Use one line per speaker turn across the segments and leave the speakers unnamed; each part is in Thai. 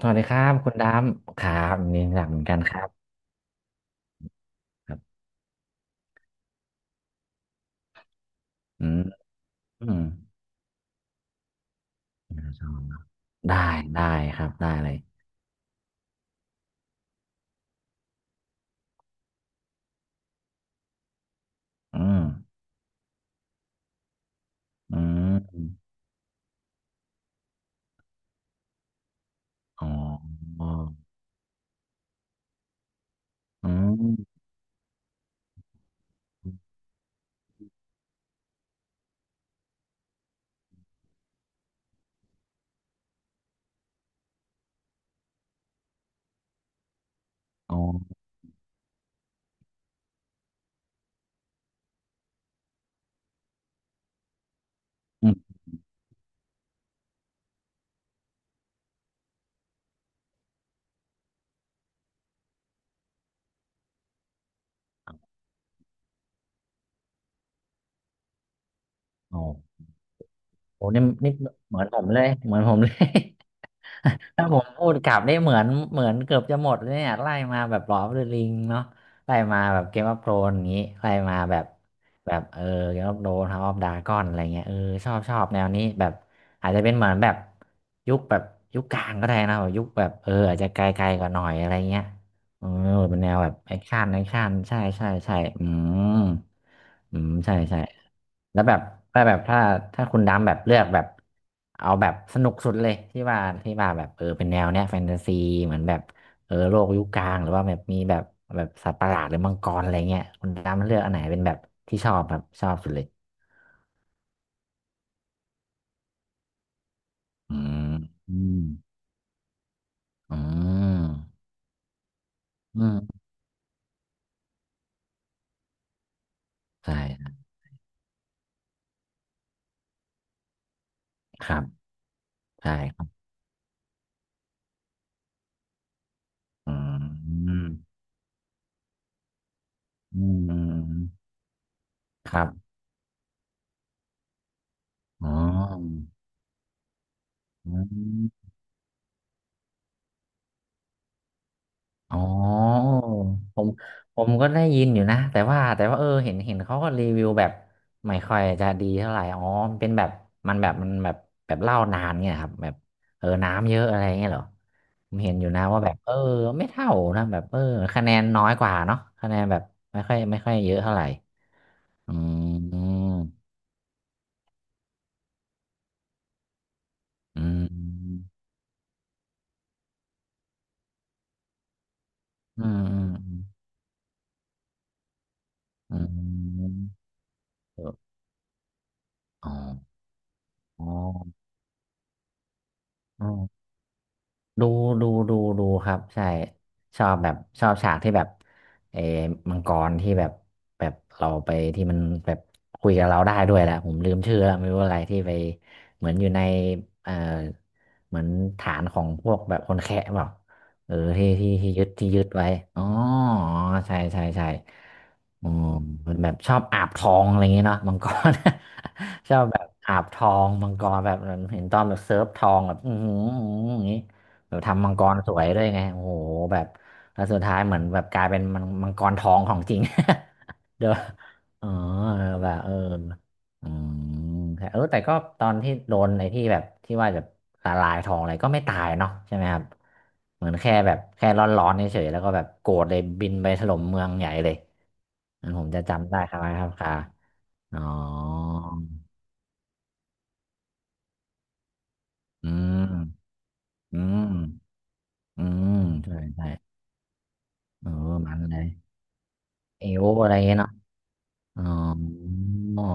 สวัสดีครับคุณดามครับนี่อยากเหมือนกันครับครับอืมอืมได้ได้ครับได้เลยอืมอืมอ๋ออืมอ๋ออืมอ๋อโอ้นี่นี่เหมือนผมเลยเหมือนผมเลย ถ้าผมพูดกลับได้เหมือนเหมือนเกือบจะหมดเลยเนี่ยไล่มาแบบหลอฟเดอะริงเนาะไล่มาแบบเกมออฟโธรนอย่างนี้ไล่มาแบบแบบเออเกมออฟโธรนเฮาส์ออฟดราก้อนอะไรเงี้ยเออชอบชอบแนวนี้แบบอาจจะเป็นเหมือนแบบยุคแบบยุคกลางก็ได้นะแบบยุคแบบเอออาจจะไกลๆกว่าหน่อยอะไรเงี้ยเออเป็นแนวแบบแอคชั่นแอคชั่นใช่ใช่ใช่อืมอืมใช่ใช่ แล้วแบบถ้าแบบถ้าถ้าคุณดำแบบเลือกแบบเอาแบบสนุกสุดเลยที่ว่าที่ว่าแบบเออเป็นแนวเนี้ยแฟนตาซีเหมือนแบบเออโลกยุคกลางหรือว่าแบบมีแบบแบบสัตว์ประหลาดหรือมังกรอะไรเงี้ยคุณดำเลือกอันไหนเป็นแบบที่ชอบแบบชอบสุดเลยอืมอืมอืมอืมใช่ครับใช่ครับอืมอืมอืมครับอ๋ออืม อ๋อผมผมก็ได้ยินอยู่นะแต่ว่าแต่ว่าเออเห็นเห็นเขาก็รีวิวแบบไม่ค่อยจะดีเท่าไหร่อ๋อมันเป็นแบบมันแบบมันแบบแบบเล่านานเงี้ยครับแบบเออน้ำเยอะอะไรเงี้ยเหรอผมเห็นอยู่นะว่าแบบเออไม่เท่านะแบบเออคะแนนน้อยกว่าเนาะคะแนนแบบไม่ค่อยไม่ค่อยเยอะเท่าไหร่อืมอืมอืมอืมอืมอืมเอออ๋ออ๋อ ดูดูดูดูครับใช่ชอบแบบชอบฉากที่แบบเออมังกรที่แบบแบบเราไปที่มันแบบคุยกับเราได้ด้วยแหละผมลืมชื่อแล้วไม่รู้อะไรที่ไปเหมือนอยู่ในเออเหมือนฐานของพวกแบบคนแคะเปล่าเออที่ที่ที่ยึดที่ยึดไว้อ๋อใช่ใช่ใช่อ๋อมันแบบชอบอาบทองอะไรอย่างเงี้ยเนาะมังกร ชอบแบบอาบทองมังกรแบบเห็นตอนแบบเซิร์ฟทองแบบอือหืออย่างงี้ เออทำมังกรสวยด้วยไงโอ้โหแบบแล้วสุดท้ายเหมือนแบบกลายเป็นมังมังกรทองของจริง เดี๋ยวเอ๋อแบบเอออืมแต่เออแต่ก็ตอนที่โดนในที่แบบที่ว่าจะละลายทองอะไรก็ไม่ตายเนาะใช่ไหมครับ เหมือนแค่แบบแค่ร้อนๆเฉยๆแล้วก็แบบโกรธเลยบินไปถล่มเมืองใหญ่เลยอันผมจะจำได้ครับครับค่ะอ๋ออืมอืมอืมใช่ใช่เออมันเลยเอวอะไรเงี้ยเนาะ อ๋ออ๋อ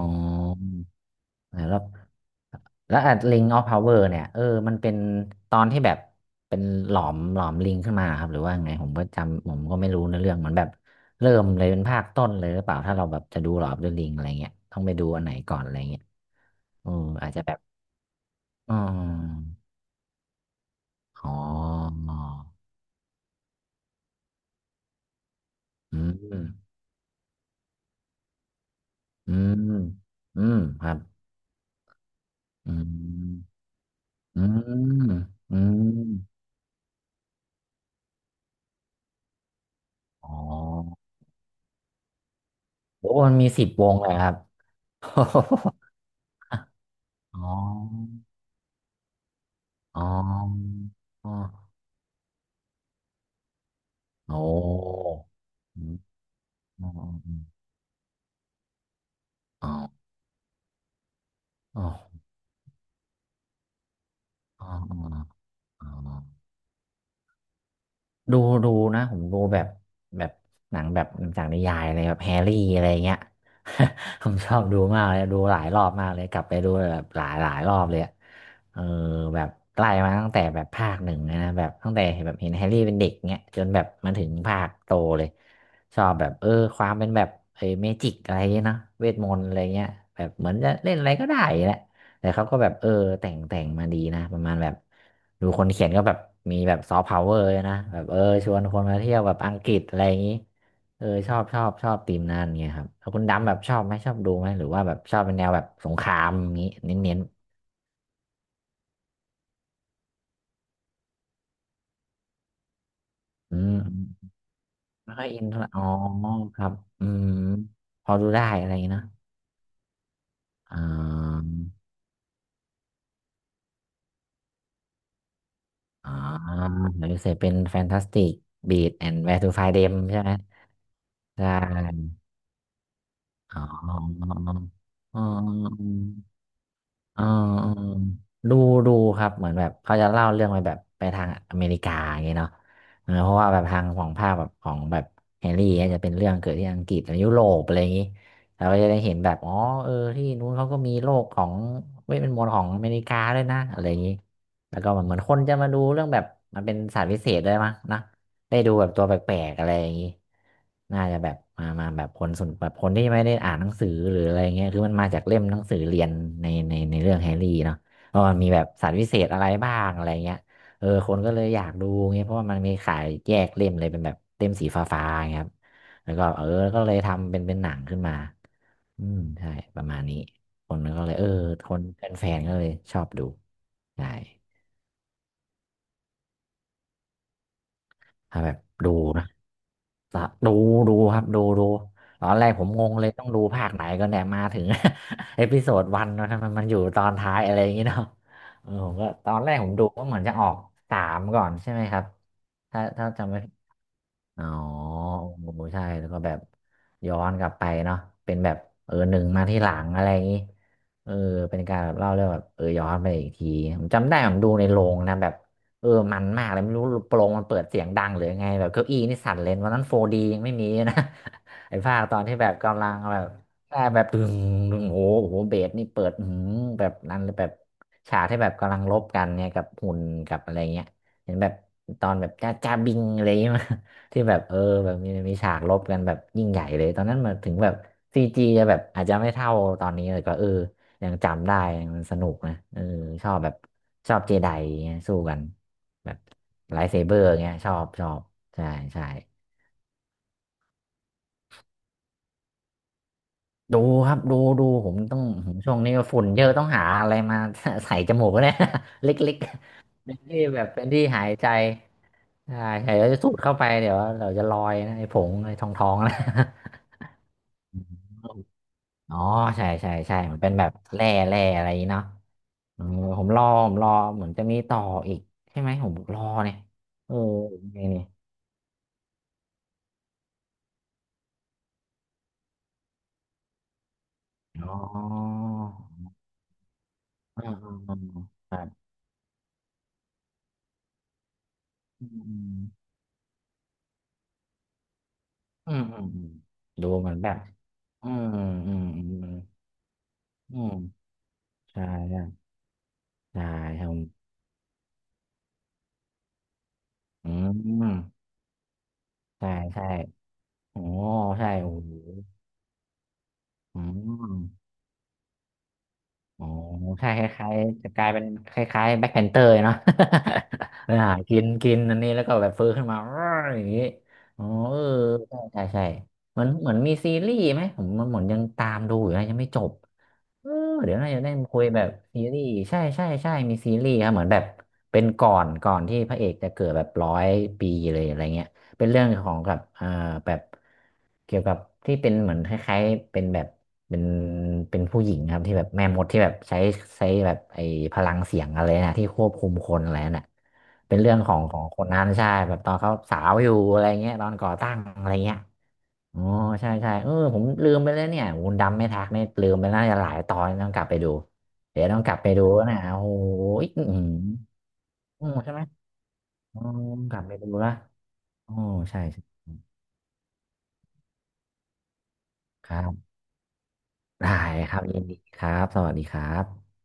แล้วแล้วอ่ะลิงออฟพาวเวอร์เนี่ยเออ มันเป็นตอนที่แบบเป็นหลอมหลอมลิงขึ้นมาครับหรือว่าไงผมก็จำผมก็ไม่รู้ในเรื่องเหมือนแบบเริ่มเลยเป็นภาคต้นเลยหรือเปล่าถ้าเราแบบจะดูหลอมเดอะลิงอะไรเงี้ยต้องไปดูอันไหนก่อนอะไรเงี้ยเอออาจจะแบบอ๋ออ๋ออืมอืมอืมครับอืมอืมอืมอ๋อ โอ้มันมีสิบวงเลยครับ อ๋ออ๋ออ๋อโอ้อืมอ๋ออ๋ออ๋ออ๋ออ๋ออ๋อ ดูดูนะผมดูแบบแบบหนังแบบหนังจากนิยายอะไรแบบแฮร์รี่อะไรเงี้ย ผมชอบดูมากเลยดูหลายรอบมากเลยกลับไปดูแบบหลายหลายรอบเลยอะเออแบบไล่มาตั้งแต่แบบภาคหนึ่งเลยนะแบบตั้งแต่เห็นแบบเห็นแฮร์รี่เป็นเด็กเงี้ยจนแบบมาถึงภาคโตเลยชอบแบบเออความเป็นแบบเมจิกอะไรเงี้ยนะเวทมนต์อะไรเงี้ยแบบเหมือนจะเล่นอะไรก็ได้แหละ แต่เขาก็แบบเออแต่งแต่งมาดีนะประมาณแบบดูคนเขียนก็แบบมีแบบซอฟต์พาวเวอร์นะแบบเออชวนคนมาเที่ยวแบบอังกฤษอะไรอย่างนี้เออชอบชอบชอบธีมนั้นเงี้ยครับแล้วคุณดำแบบชอบไหมชอบดูไหมหรือว่าแบบชอบเป็นแนวแบบสงครามอย่างนี้เน้นๆอืมอืมไม่ค่อยอินเท่าไหร่อ๋อครับอืมพอดูได้อะไรอย่างงี้เนอะอ่าอ่าหรือเสพเป็นแฟนตาสติกบี a แอนด์แวร์ทูไฟเดมใช่ไหมใช่ อ๋ออ๋ออ๋อดูดูครับเหมือนแบบเขาจะเล่าเรื่องไปแบบไปทางอเมริกาอย่างเงี้ยเนาะเออเพราะว่าแบบทางของภาคแบบของแบบแฮร์รี่เนี่ยจะเป็นเรื่องเกิดที่อังกฤษหรือยุโรปอะไรอย่างงี้เราก็จะได้เห็นแบบอ๋อเออที่นู้นเขาก็มีโลกของเวทมนต์ของอเมริกาด้วยนะอะไรอย่างงี้แล้วก็เหมือนคนจะมาดูเรื่องแบบมันเป็นศาสตร์พิเศษด้วยมั้งนะ ได้ดูแบบตัวแปลกๆอะไรอย่างนี้น่าจะแบบมาแบบคนสนแบบคนที่ไม่ได้อ่านหนังสือหรืออะไรเงี้ยคือมันมาจากเล่มหนังสือเรียนในเรื่องแฮร์รี่เนาะเพราะมันมีแบบสัตว์วิเศษอะไรบ้างอะไรเงี้ยเออคนก็เลยอยากดูเงี้ยเพราะว่ามันมีขายแยกเล่มเลยเป็นแบบเล่มสีฟ้าๆอย่างเงี้ยครับแล้วก็เออก็เลยทำเป็นหนังขึ้นมาอืมใช่ประมาณนี้คนก็เลยเออคนแฟนๆก็เลยชอบดูใช่ ถ้าแบบดูนะสะดูดูครับตอนแรกผมงงเลยต้องดูภาคไหนก็เนี่ยมาถึง เอพิโซดวันนะทำไมมันอยู่ตอนท้ายอะไรอย่างงี้เนาะเออผมก็ตอนแรกผมดูว่าเหมือนจะออกสามก่อนใช่ไหมครับถ้าจำไม่ อ๋อโอ้ใช่ แล้วก็แบบย้อนกลับไปเนาะเป็นแบบเออหนึ่งมาที่หลังอะไรอย่างนี้เออเป็นการแบบเล่าเรื่องแบบเออย้อนไปอีกทีผมจำได้ผมดูในโรงนะแบบเออมันมากเลยไม่รู้โปรงมันเปิดเสียงดังหรือยังไงแบบเก้าอี้นี่สั่นเลยวันนั้น 4D ยังไม่มีนะ ไอ้ภาคตอนที่แบบกำลังแบบใช่แบบดึงโอ้โหเบสนี่เปิดอือหือแบบนั้นเลยแบบฉากที่แบบกำลังลบกันเนี่ยกับหุ่นกับอะไรเงี้ยเห็นแบบตอนแบบจ้าบิงอะไรอย่างเงี้ย ที่แบบเออแบบมีฉากรบกันแบบยิ่งใหญ่เลยตอนนั้นมาถึงแบบซีจีจะแบบอาจจะไม่เท่าตอนนี้แต่ก็เออยังจำได้มันสนุกนะเออชอบแบบชอบเจไดเงี้ยสู้กันแบบไลท์เซเบอร์เงี้ยชอบใช่ใช่ดูครับผมช่วงนี้ก็ฝุ่นเยอะต้องหาอะไรมา ใส่จมูกเนี่ย เล็กๆเป็นที่แบบเป็นที่หายใจใช่ใช่แล้วจะสูดเข้าไปเดี๋ยวเราจะลอยนะไอ้ผงไอ้ทองนะ โอ้ อ๋อใช่มันเป็นแบบแร่อะไรอย่างงี้เนาะเออผมรอเหมือนจะมีต่ออีกใช่ไหมผมรอเนี่ยเออไงเนี่ยอ๋ออืมอืมอืมครับอืมอืมอืมอืมดูเหมือนแบบอืมอืมอืมอืมใช่ใช่ใช่ครับผมอืมใช่ใช่โอ้ใช่โอ้โหอืม อ๋อใช่คล้ายๆจะกลายเป็นคล้ายๆแบ็คแพนเตอร์เนาะ ไปหากินกินอันนี้แล้วก็แบบฟื้นขึ้นมา อย่างนี้อ๋อเออใช่เหมือนมีซีรีส์ไหมผมมันเหมือนยังตามดูอยู่นะยังไม่จบ เออเดี๋ยวน่าจะได้มาคุยแบบซีรีส์ใช่มีซีรีส์ครับเหมือนแบบเป็นก่อนที่พระเอกจะเกิดแบบร้อยปีเลยอะไรเงี้ยเป็นเรื่องของกับอ่าแบบเกี่ยวกับที่เป็นเหมือนคล้ายๆเป็นแบบเป็นเป็นผู้หญิงครับที่แบบแม่มดที่แบบใช้ใช้แบบไอ้พลังเสียงอะไรนะที่ควบคุมคนอะไรน่ะเป็นเรื่องของคนนั้นใช่แบบตอนเขาสาวอยู่อะไรเงี้ยตอนก่อตั้งอะไรเงี้ย อ๋อใช่เออผมลืมไปแล้วเนี่ยโอ้นดำไม่ทักเนี่ยลืมไปน่าจะหลายตอนต้องกลับไปดูนะโอ้โหอืมอืมใช่ไหมอ๋อกลับไปดูละอ๋อใช่ครับได้ครับยินดีครับสวัสดีครับ